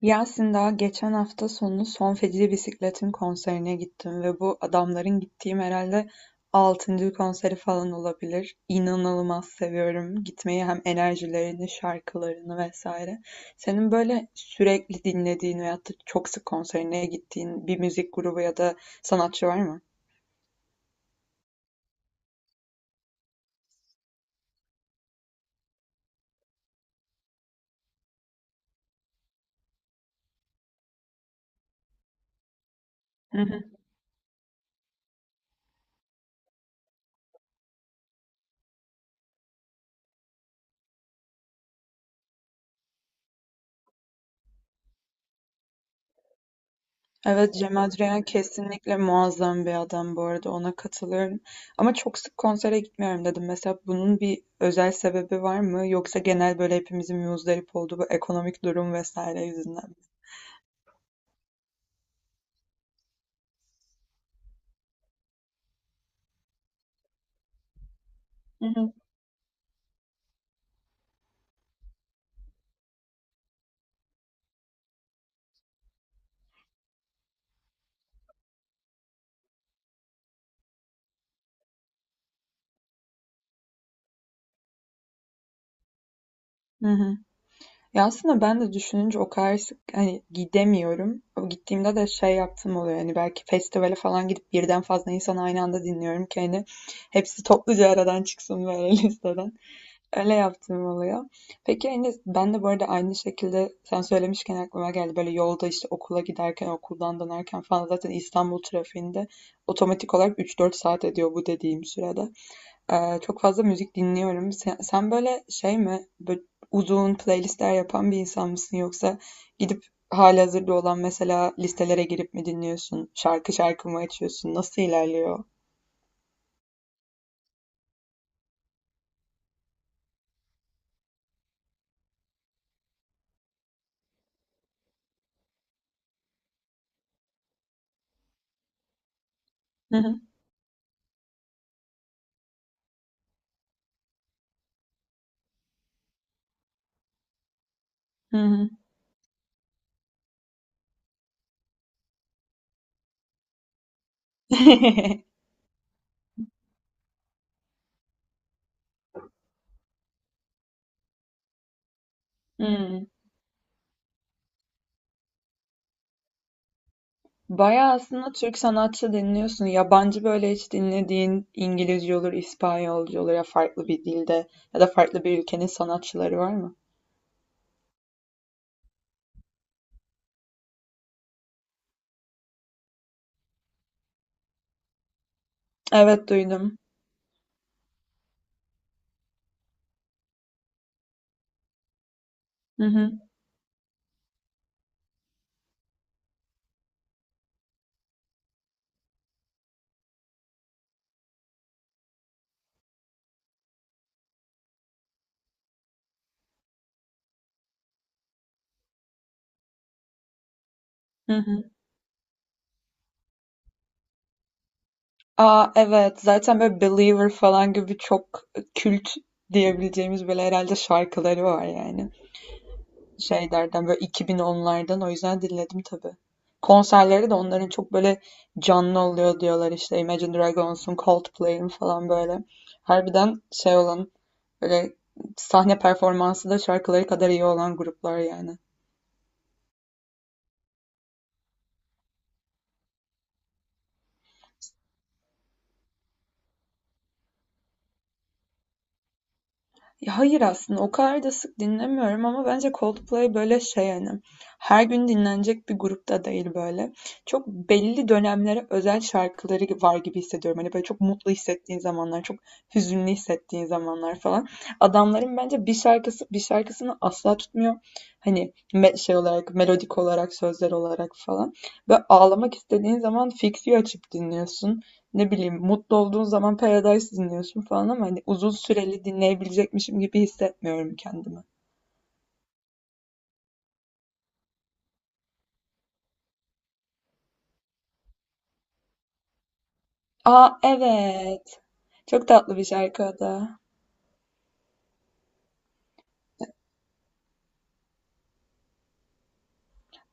Yasin daha geçen hafta sonu Son Feci Bisiklet'in konserine gittim ve bu adamların gittiğim herhalde altıncı konseri falan olabilir. İnanılmaz seviyorum gitmeyi, hem enerjilerini, şarkılarını vesaire. Senin böyle sürekli dinlediğin veyahut da çok sık konserine gittiğin bir müzik grubu ya da sanatçı var mı? Evet, Cem Adrian kesinlikle muazzam bir adam, bu arada ona katılıyorum. Ama çok sık konsere gitmiyorum dedim. Mesela bunun bir özel sebebi var mı? Yoksa genel böyle hepimizin muzdarip olduğu bu ekonomik durum vesaire yüzünden mi? Hı hı. Hı hı. Ya aslında ben de düşününce o kadar sık hani gidemiyorum. O gittiğimde de şey yaptım oluyor. Hani belki festivale falan gidip birden fazla insan aynı anda dinliyorum ki hani hepsi topluca aradan çıksın böyle listeden. Öyle yaptığım oluyor. Peki, hani, ben de bu arada aynı şekilde sen söylemişken aklıma geldi. Böyle yolda işte okula giderken, okuldan dönerken falan zaten İstanbul trafiğinde otomatik olarak 3-4 saat ediyor bu dediğim sürede. Çok fazla müzik dinliyorum. Sen böyle şey mi, böyle uzun playlistler yapan bir insan mısın, yoksa gidip halihazırda olan mesela listelere girip mi dinliyorsun? Şarkı şarkı mı açıyorsun? Nasıl ilerliyor? Hı hı. Hı hı. Hmm. Bayağı aslında Türk sanatçı dinliyorsun. Yabancı böyle hiç dinlediğin, İngilizce olur, İspanyolca olur, ya farklı bir dilde ya da farklı bir ülkenin sanatçıları var mı? Evet, duydum. Hı hı, hı hı. Aa, evet, zaten böyle Believer falan gibi çok kült diyebileceğimiz böyle herhalde şarkıları var yani. Şeylerden böyle 2010'lardan, o yüzden dinledim tabii. Konserleri de onların çok böyle canlı oluyor diyorlar, işte Imagine Dragons'un, Coldplay'in falan böyle. Harbiden şey olan böyle sahne performansı da şarkıları kadar iyi olan gruplar yani. Ya hayır, aslında o kadar da sık dinlemiyorum, ama bence Coldplay böyle şey yani, her gün dinlenecek bir grupta değil böyle. Çok belli dönemlere özel şarkıları var gibi hissediyorum. Hani böyle çok mutlu hissettiğin zamanlar, çok hüzünlü hissettiğin zamanlar falan. Adamların bence bir şarkısı bir şarkısını asla tutmuyor. Hani şey olarak, melodik olarak, sözler olarak falan. Ve ağlamak istediğin zaman Fix You açıp dinliyorsun. Ne bileyim, mutlu olduğun zaman Paradise dinliyorsun falan, ama hani uzun süreli dinleyebilecekmişim gibi hissetmiyorum kendimi. Aa, evet. Çok tatlı bir şarkı o da.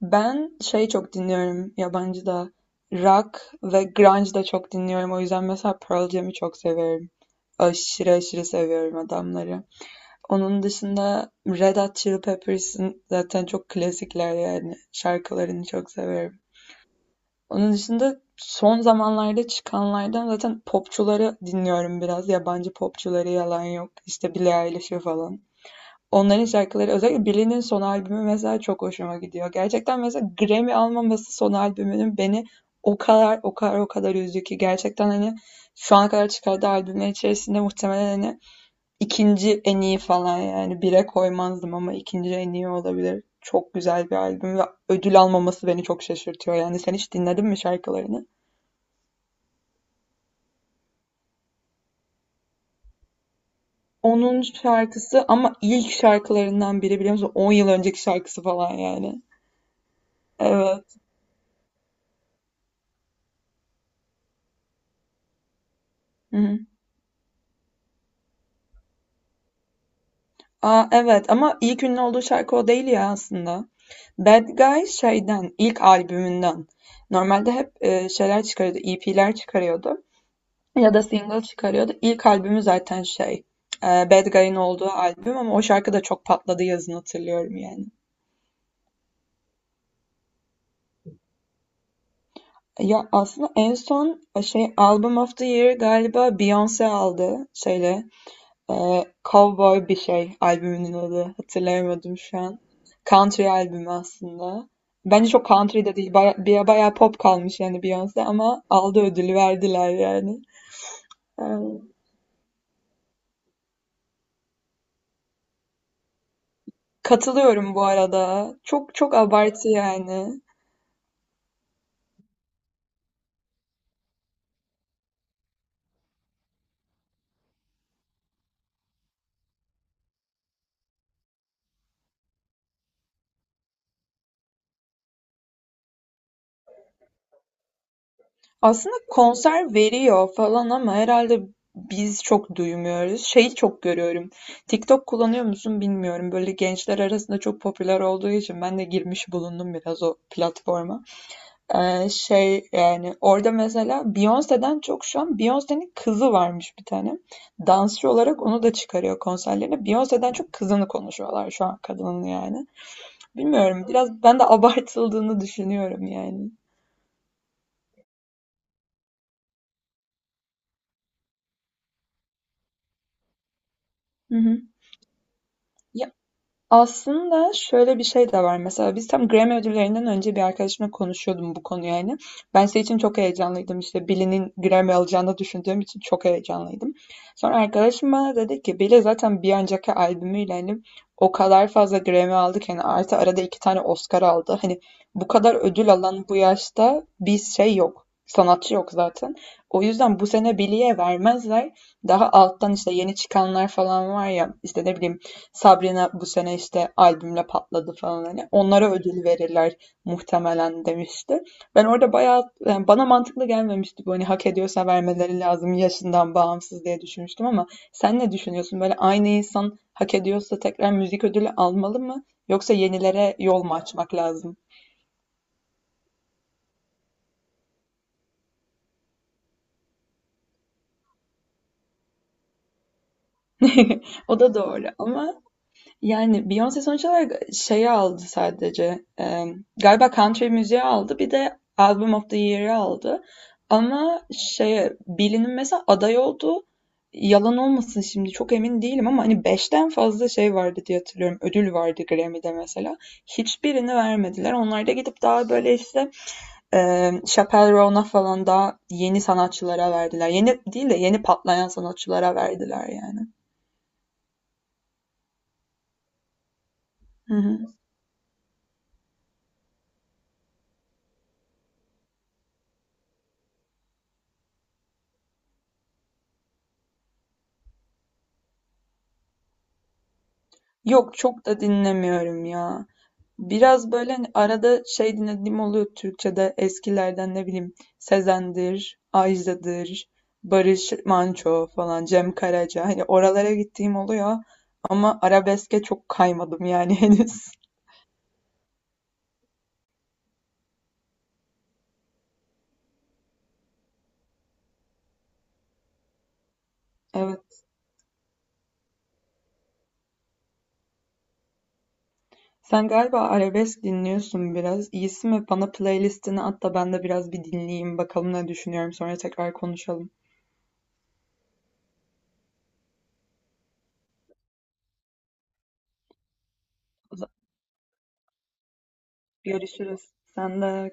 Ben şey çok dinliyorum yabancı da. Rock ve grunge da çok dinliyorum. O yüzden mesela Pearl Jam'i çok severim. Aşırı aşırı seviyorum adamları. Onun dışında Red Hot Chili Peppers'ın zaten çok klasikler yani. Şarkılarını çok severim. Onun dışında son zamanlarda çıkanlardan zaten popçuları dinliyorum biraz. Yabancı popçuları, yalan yok. İşte Billie Eilish'i falan. Onların şarkıları, özellikle Billie'nin son albümü mesela, çok hoşuma gidiyor. Gerçekten mesela Grammy almaması son albümünün beni o kadar o kadar o kadar üzdü ki, gerçekten hani şu ana kadar çıkardığı albümler içerisinde muhtemelen hani ikinci en iyi falan, yani bire koymazdım ama ikinci en iyi olabilir. Çok güzel bir albüm ve ödül almaması beni çok şaşırtıyor. Yani sen hiç dinledin mi şarkılarını? Onun şarkısı ama ilk şarkılarından biri, biliyor musun? 10 yıl önceki şarkısı falan yani. Evet. Hı hı. Aa, evet, ama ilk ünlü olduğu şarkı o değil ya aslında. Bad Guy şeyden, ilk albümünden. Normalde hep şeyler çıkarıyordu, EP'ler çıkarıyordu. Ya da single çıkarıyordu. İlk albümü zaten şey, Bad Guy'ın olduğu albüm, ama o şarkı da çok patladı yazın, hatırlıyorum yani. Ya aslında en son şey Album of the Year galiba Beyoncé aldı şeyle. Eee, Cowboy bir şey albümünün adı. Hatırlayamadım şu an. Country albümü aslında. Bence çok country de değil. Baya, bayağı pop kalmış yani Beyoncé, ama aldı, ödülü verdiler yani. Eee, Katılıyorum bu arada. Çok çok abartı yani. Aslında konser veriyor falan ama herhalde biz çok duymuyoruz. Şeyi çok görüyorum. TikTok kullanıyor musun bilmiyorum. Böyle gençler arasında çok popüler olduğu için ben de girmiş bulundum biraz o platforma. Şey yani orada mesela Beyoncé'den çok, şu an Beyoncé'nin kızı varmış bir tane. Dansçı olarak onu da çıkarıyor konserlerine. Beyoncé'den çok kızını konuşuyorlar şu an kadının yani. Bilmiyorum, biraz ben de abartıldığını düşünüyorum yani. Hı hı. Aslında şöyle bir şey de var. Mesela biz tam Grammy ödüllerinden önce bir arkadaşımla konuşuyordum bu konuyu yani. Ben şey için çok heyecanlıydım. İşte Billie'nin Grammy alacağını düşündüğüm için çok heyecanlıydım. Sonra arkadaşım bana dedi ki Billie zaten bir önceki albümüyle hani o kadar fazla Grammy aldı ki, hani artı arada iki tane Oscar aldı. Hani bu kadar ödül alan bu yaşta bir şey yok. Sanatçı yok zaten. O yüzden bu sene Billie'ye vermezler. Daha alttan işte yeni çıkanlar falan var ya, işte ne bileyim Sabrina bu sene işte albümle patladı falan, hani onlara ödül verirler muhtemelen, demişti. Ben orada bayağı, yani bana mantıklı gelmemişti bu, hani hak ediyorsa vermeleri lazım yaşından bağımsız diye düşünmüştüm, ama sen ne düşünüyorsun? Böyle aynı insan hak ediyorsa tekrar müzik ödülü almalı mı yoksa yenilere yol mu açmak lazım? O da doğru ama. Yani Beyoncé sonuç olarak şeyi aldı sadece. Galiba country müziği aldı. Bir de Album of the Year'ı aldı. Ama şeye Billie'nin mesela aday olduğu, yalan olmasın şimdi çok emin değilim, ama hani beşten fazla şey vardı diye hatırlıyorum. Ödül vardı Grammy'de mesela. Hiçbirini vermediler. Onlar da gidip daha böyle işte Chappell Roan'a falan, daha yeni sanatçılara verdiler. Yeni değil de yeni patlayan sanatçılara verdiler yani. Hı hı. Yok, çok da dinlemiyorum ya. Biraz böyle hani arada şey dinlediğim oluyor Türkçe'de, eskilerden, ne bileyim, Sezen'dir, Ajda'dır, Barış Manço falan, Cem Karaca. Hani oralara gittiğim oluyor ama arabeske çok kaymadım yani henüz. Evet. Sen galiba arabesk dinliyorsun biraz. İyisi mi? Bana playlistini at da ben de biraz bir dinleyeyim. Bakalım ne düşünüyorum. Sonra tekrar konuşalım. O zaman görüşürüz. Sen de